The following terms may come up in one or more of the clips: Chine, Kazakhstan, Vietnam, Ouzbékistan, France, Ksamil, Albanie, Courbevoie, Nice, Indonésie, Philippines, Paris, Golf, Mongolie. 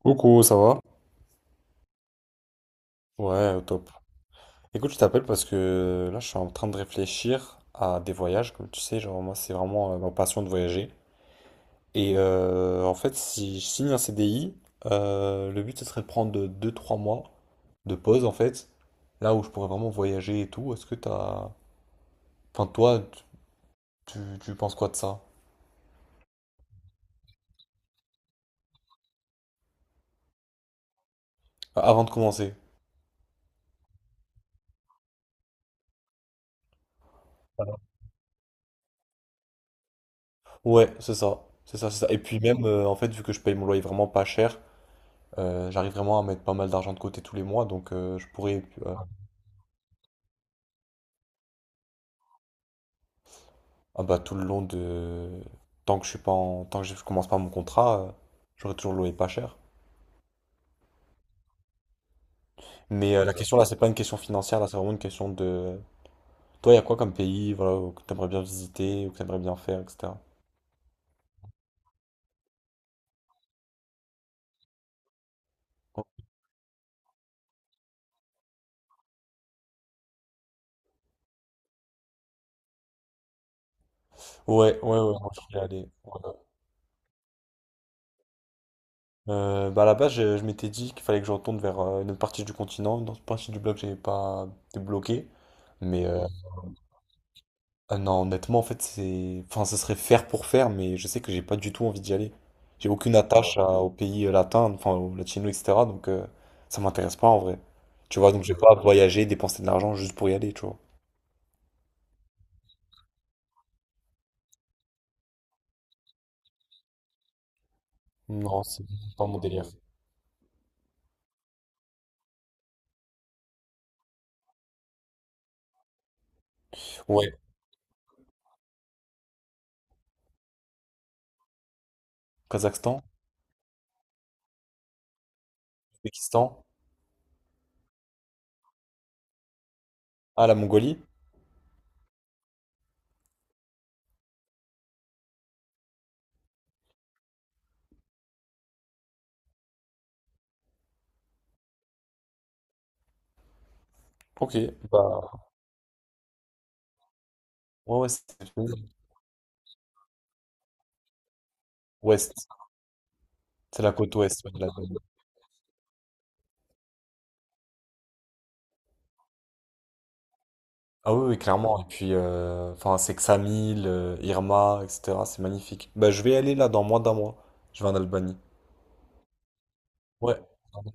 Coucou, ça va? Ouais, au top. Écoute, je t'appelle parce que là, je suis en train de réfléchir à des voyages, comme tu sais, genre moi, c'est vraiment ma passion de voyager. Et en fait, si je signe un CDI, le but, ce serait de prendre deux, trois mois de pause, en fait, là où je pourrais vraiment voyager et tout. Est-ce que t'as... Enfin, toi, tu, tu penses quoi de ça? Avant de commencer. Ouais, c'est ça. C'est ça, c'est ça. Et puis même, en fait, vu que je paye mon loyer vraiment pas cher, j'arrive vraiment à mettre pas mal d'argent de côté tous les mois, donc je pourrais Ah bah tout le long de, tant que je suis pas en... tant que je commence pas mon contrat, j'aurai toujours loué pas cher. Mais ouais, la question là, c'est pas une question financière, là, c'est vraiment une question de toi, il y a quoi comme pays, voilà, que t'aimerais bien visiter ou que t'aimerais bien faire, etc. Ouais, ouais, ouais, moi je voulais aller, voilà. Bah à la base, je m'étais dit qu'il fallait que je retourne vers une autre partie du continent, une autre partie du bloc, que j'avais pas débloqué. Mais ah non, honnêtement, en fait, c'est... Enfin, ce serait faire pour faire, mais je sais que j'ai pas du tout envie d'y aller. J'ai aucune attache au pays latin, enfin, au latino, etc. Donc, ça m'intéresse pas en vrai. Tu vois, donc je vais pas voyager, dépenser de l'argent juste pour y aller, tu vois. Non, c'est pas mon délire. Ouais, Kazakhstan, Pakistan, ah, la Mongolie. Ok, bah, ouais, ouais, c'est ouest, c'est la côte ouest, ouais, de la Mongolie. Ah oui, oui, clairement. Et puis, enfin, c'est Ksamil, Irma, etc. C'est magnifique. Bah, je vais aller là dans moins d'un mois. Je vais en Albanie. Ouais,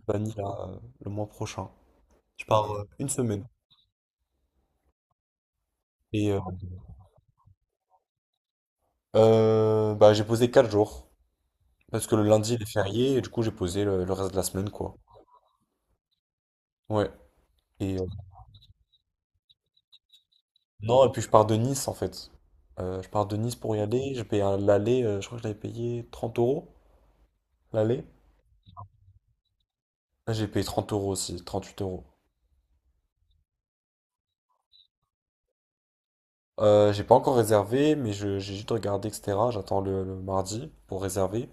Albanie là, le mois prochain. Je pars une semaine. Et bah, j'ai posé 4 jours. Parce que le lundi il est férié et du coup j'ai posé le reste de la semaine quoi. Ouais. Et non, et puis je pars de Nice en fait. Je pars de Nice pour y aller. J'ai payé l'aller, je crois que j'avais payé 30 € l'aller. Ah, j'ai payé 30 € aussi, trente-huit euros. J'ai pas encore réservé, mais j'ai juste regardé, etc. J'attends le mardi pour réserver.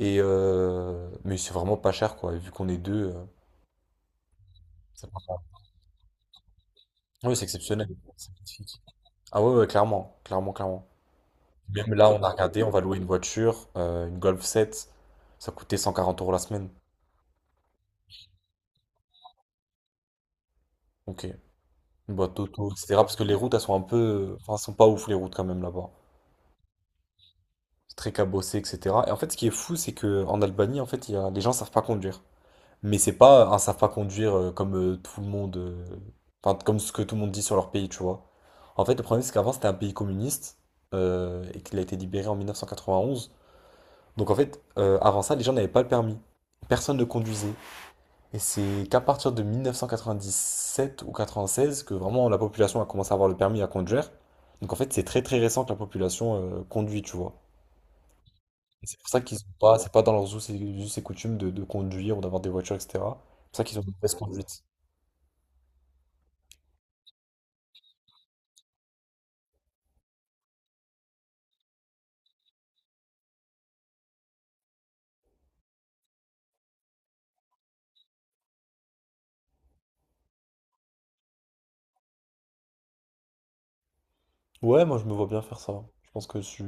Et mais c'est vraiment pas cher quoi. Et vu qu'on est deux, ça... Ah oui, c'est exceptionnel. C'est magnifique. Ah ouais, ouais, clairement, clairement, clairement. Même là, on a regardé, on va louer une voiture, une Golf 7. Ça coûtait 140 € la semaine. Ok. Une boîte auto, etc. Parce que les routes, elles sont un peu... Enfin, elles sont pas ouf, les routes, quand même, là-bas. C'est très cabossé, etc. Et en fait, ce qui est fou, c'est que en Albanie, en fait, il y a... les gens savent pas conduire. Mais c'est pas un savent pas conduire comme tout le monde... enfin, comme ce que tout le monde dit sur leur pays, tu vois. En fait, le problème, c'est qu'avant, c'était un pays communiste et qu'il a été libéré en 1991. Donc en fait, avant ça, les gens n'avaient pas le permis. Personne ne conduisait. Et c'est qu'à partir de 1997 ou 96 que vraiment la population a commencé à avoir le permis à conduire. Donc en fait, c'est très très récent que la population conduit, tu vois. Et c'est pour ça qu'ils ont pas, c'est pas dans leurs us et coutumes de conduire ou d'avoir des voitures, etc. C'est pour ça qu'ils ont une mauvaise conduite. Ouais, moi je me vois bien faire ça. Je pense que je suis...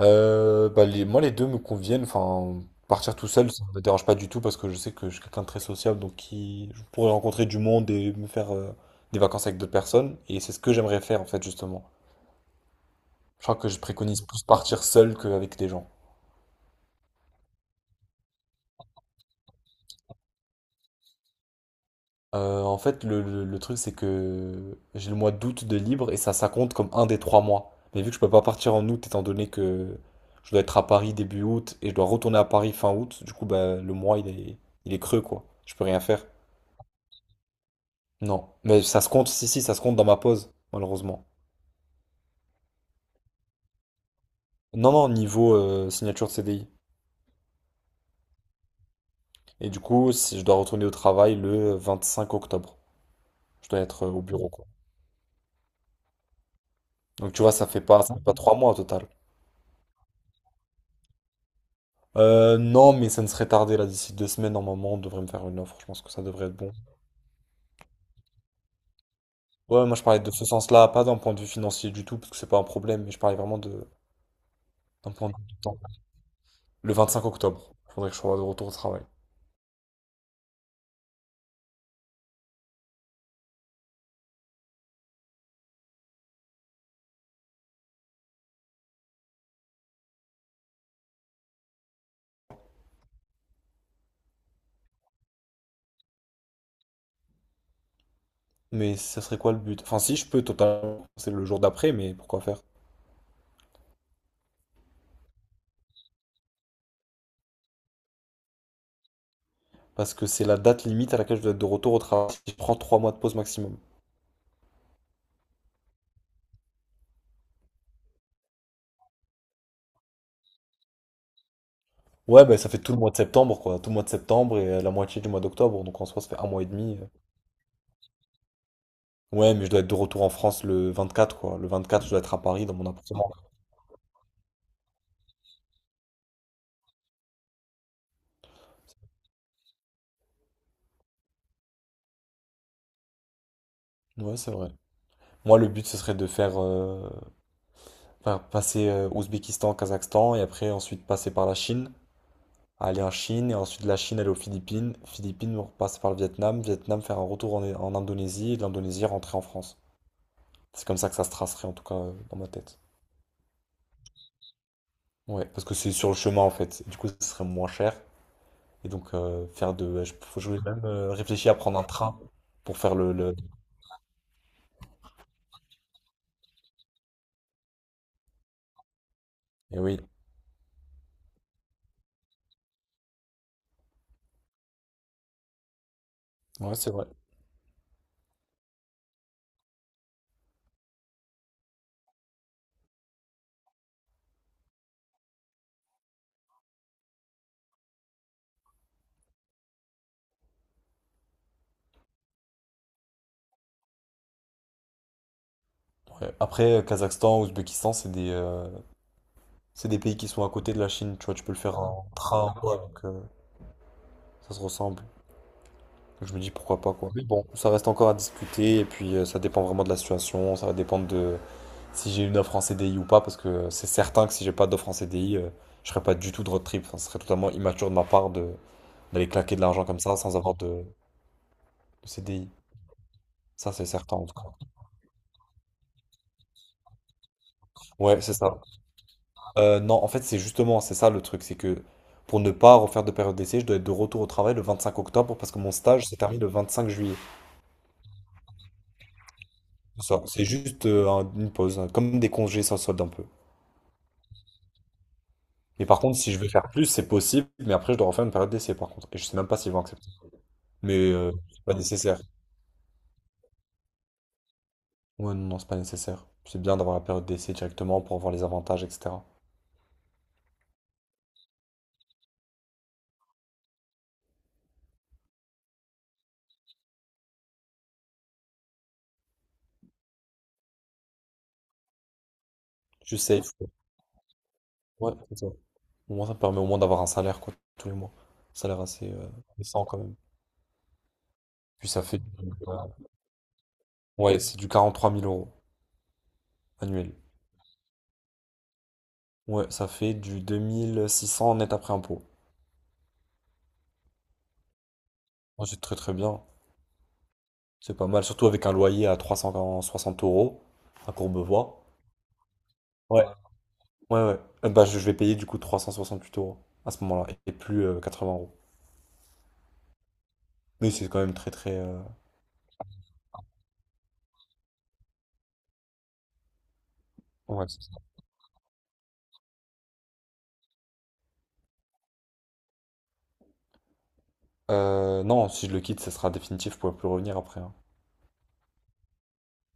Bah les, moi les deux me conviennent. Enfin, partir tout seul, ça me dérange pas du tout parce que je sais que je suis quelqu'un de très sociable, donc qui, je pourrais rencontrer du monde et me faire des vacances avec d'autres personnes. Et c'est ce que j'aimerais faire en fait justement. Je crois que je préconise plus partir seul qu'avec des gens. En fait, le truc c'est que j'ai le mois d'août de libre et ça compte comme un des trois mois. Mais vu que je peux pas partir en août étant donné que je dois être à Paris début août et je dois retourner à Paris fin août, du coup bah le mois il est creux quoi. Je peux rien faire. Non, mais ça se compte, si, si, ça se compte dans ma pause, malheureusement. Non, non, niveau signature de CDI. Et du coup, si je dois retourner au travail le 25 octobre, je dois être au bureau, quoi. Donc tu vois, ça fait pas 3 mois au total. Non, mais ça ne serait tardé, là, d'ici 2 semaines, normalement, on devrait me faire une offre. Je pense que ça devrait être bon. Ouais, moi je parlais de ce sens-là, pas d'un point de vue financier du tout, parce que c'est pas un problème, mais je parlais vraiment d'un point de vue du temps. Le 25 octobre, faudrait que je sois de retour au travail. Mais ça serait quoi le but? Enfin, si je peux totalement, c'est le jour d'après, mais pourquoi faire? Parce que c'est la date limite à laquelle je dois être de retour au travail si je prends 3 mois de pause maximum. Ouais, bah ça fait tout le mois de septembre, quoi. Tout le mois de septembre et la moitié du mois d'octobre. Donc en soi, ça fait un mois et demi. Ouais, mais je dois être de retour en France le 24, quoi. Le 24, je dois être à Paris dans mon appartement. Ouais, c'est vrai. Moi, le but, ce serait de faire faire passer Ouzbékistan, Kazakhstan et après, ensuite, passer par la Chine. Aller en Chine et ensuite de la Chine aller aux Philippines. Philippines, passer par le Vietnam. Vietnam, faire un retour en Indonésie et de l'Indonésie, rentrer en France. C'est comme ça que ça se tracerait, en tout cas, dans ma tête. Ouais, parce que c'est sur le chemin en fait. Du coup, ce serait moins cher. Et donc, faire de... ouais, je, je voulais même réfléchir à prendre un train pour faire le... Et oui, ouais, c'est vrai. Ouais. Après, Kazakhstan, Ouzbékistan, c'est des pays qui sont à côté de la Chine. Tu vois, tu peux le faire en train quoi. Donc, ça se ressemble. Donc, je me dis pourquoi pas quoi. Mais bon, ça reste encore à discuter. Et puis, ça dépend vraiment de la situation. Ça va dépendre de... si j'ai une offre en CDI ou pas, parce que c'est certain que si j'ai pas d'offre en CDI, je ferai pas du tout de road trip. Enfin, ce serait totalement immature de ma part de d'aller claquer de l'argent comme ça sans avoir de CDI. Ça, c'est certain en tout cas. Ouais, c'est ça. Non, en fait, c'est justement, c'est ça le truc, c'est que pour ne pas refaire de période d'essai, je dois être de retour au travail le 25 octobre parce que mon stage s'est terminé le 25 juillet. C'est ça. C'est juste une pause, hein, comme des congés sans solde un peu. Mais par contre, si je veux faire plus, c'est possible, mais après, je dois refaire une période d'essai par contre. Et je sais même pas s'ils vont accepter. Mais c'est pas nécessaire. Ouais, non, non, c'est pas nécessaire. C'est bien d'avoir la période d'essai directement pour voir les avantages, etc. Tu sais, ouais, c'est ça. Au moins, ça permet au moins d'avoir un salaire, quoi, tous les mois. Un salaire assez décent, quand même. Puis ça fait, ouais, c'est du 43 000 € annuel. Ouais, ça fait du 2 600 net après impôt. Ouais, c'est très très bien. C'est pas mal, surtout avec un loyer à 360 € à Courbevoie. Ouais, ouais, ouais. Bah, je vais payer du coup 368 € à ce moment-là et plus 80 euros. Mais c'est quand même très très... ouais. Non, si je le quitte, ça sera définitif, je pourrai plus revenir après, hein.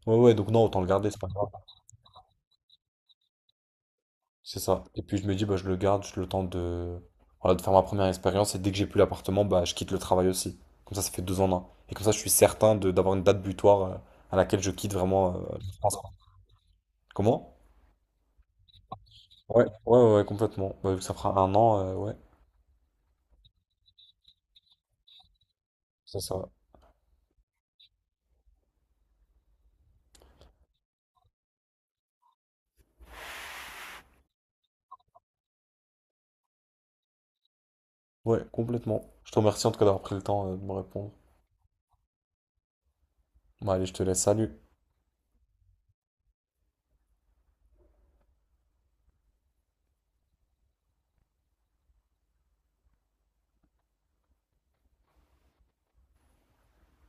Ouais, ouais, donc non, autant le garder, c'est pas grave. C'est ça. Et puis je me dis, bah, je le garde, je le temps de... Voilà, de faire ma première expérience, et dès que j'ai plus l'appartement, bah, je quitte le travail aussi. Comme ça fait deux en un. Et comme ça, je suis certain de d'avoir une date butoir à laquelle je quitte vraiment... je pense. Comment? Ouais, ouais, ouais, complètement. Bah, vu que ça fera un an, ouais, c'est ça. Ouais, complètement. Je te remercie en tout cas d'avoir pris le temps de me répondre. Bon, allez, je te laisse, salut.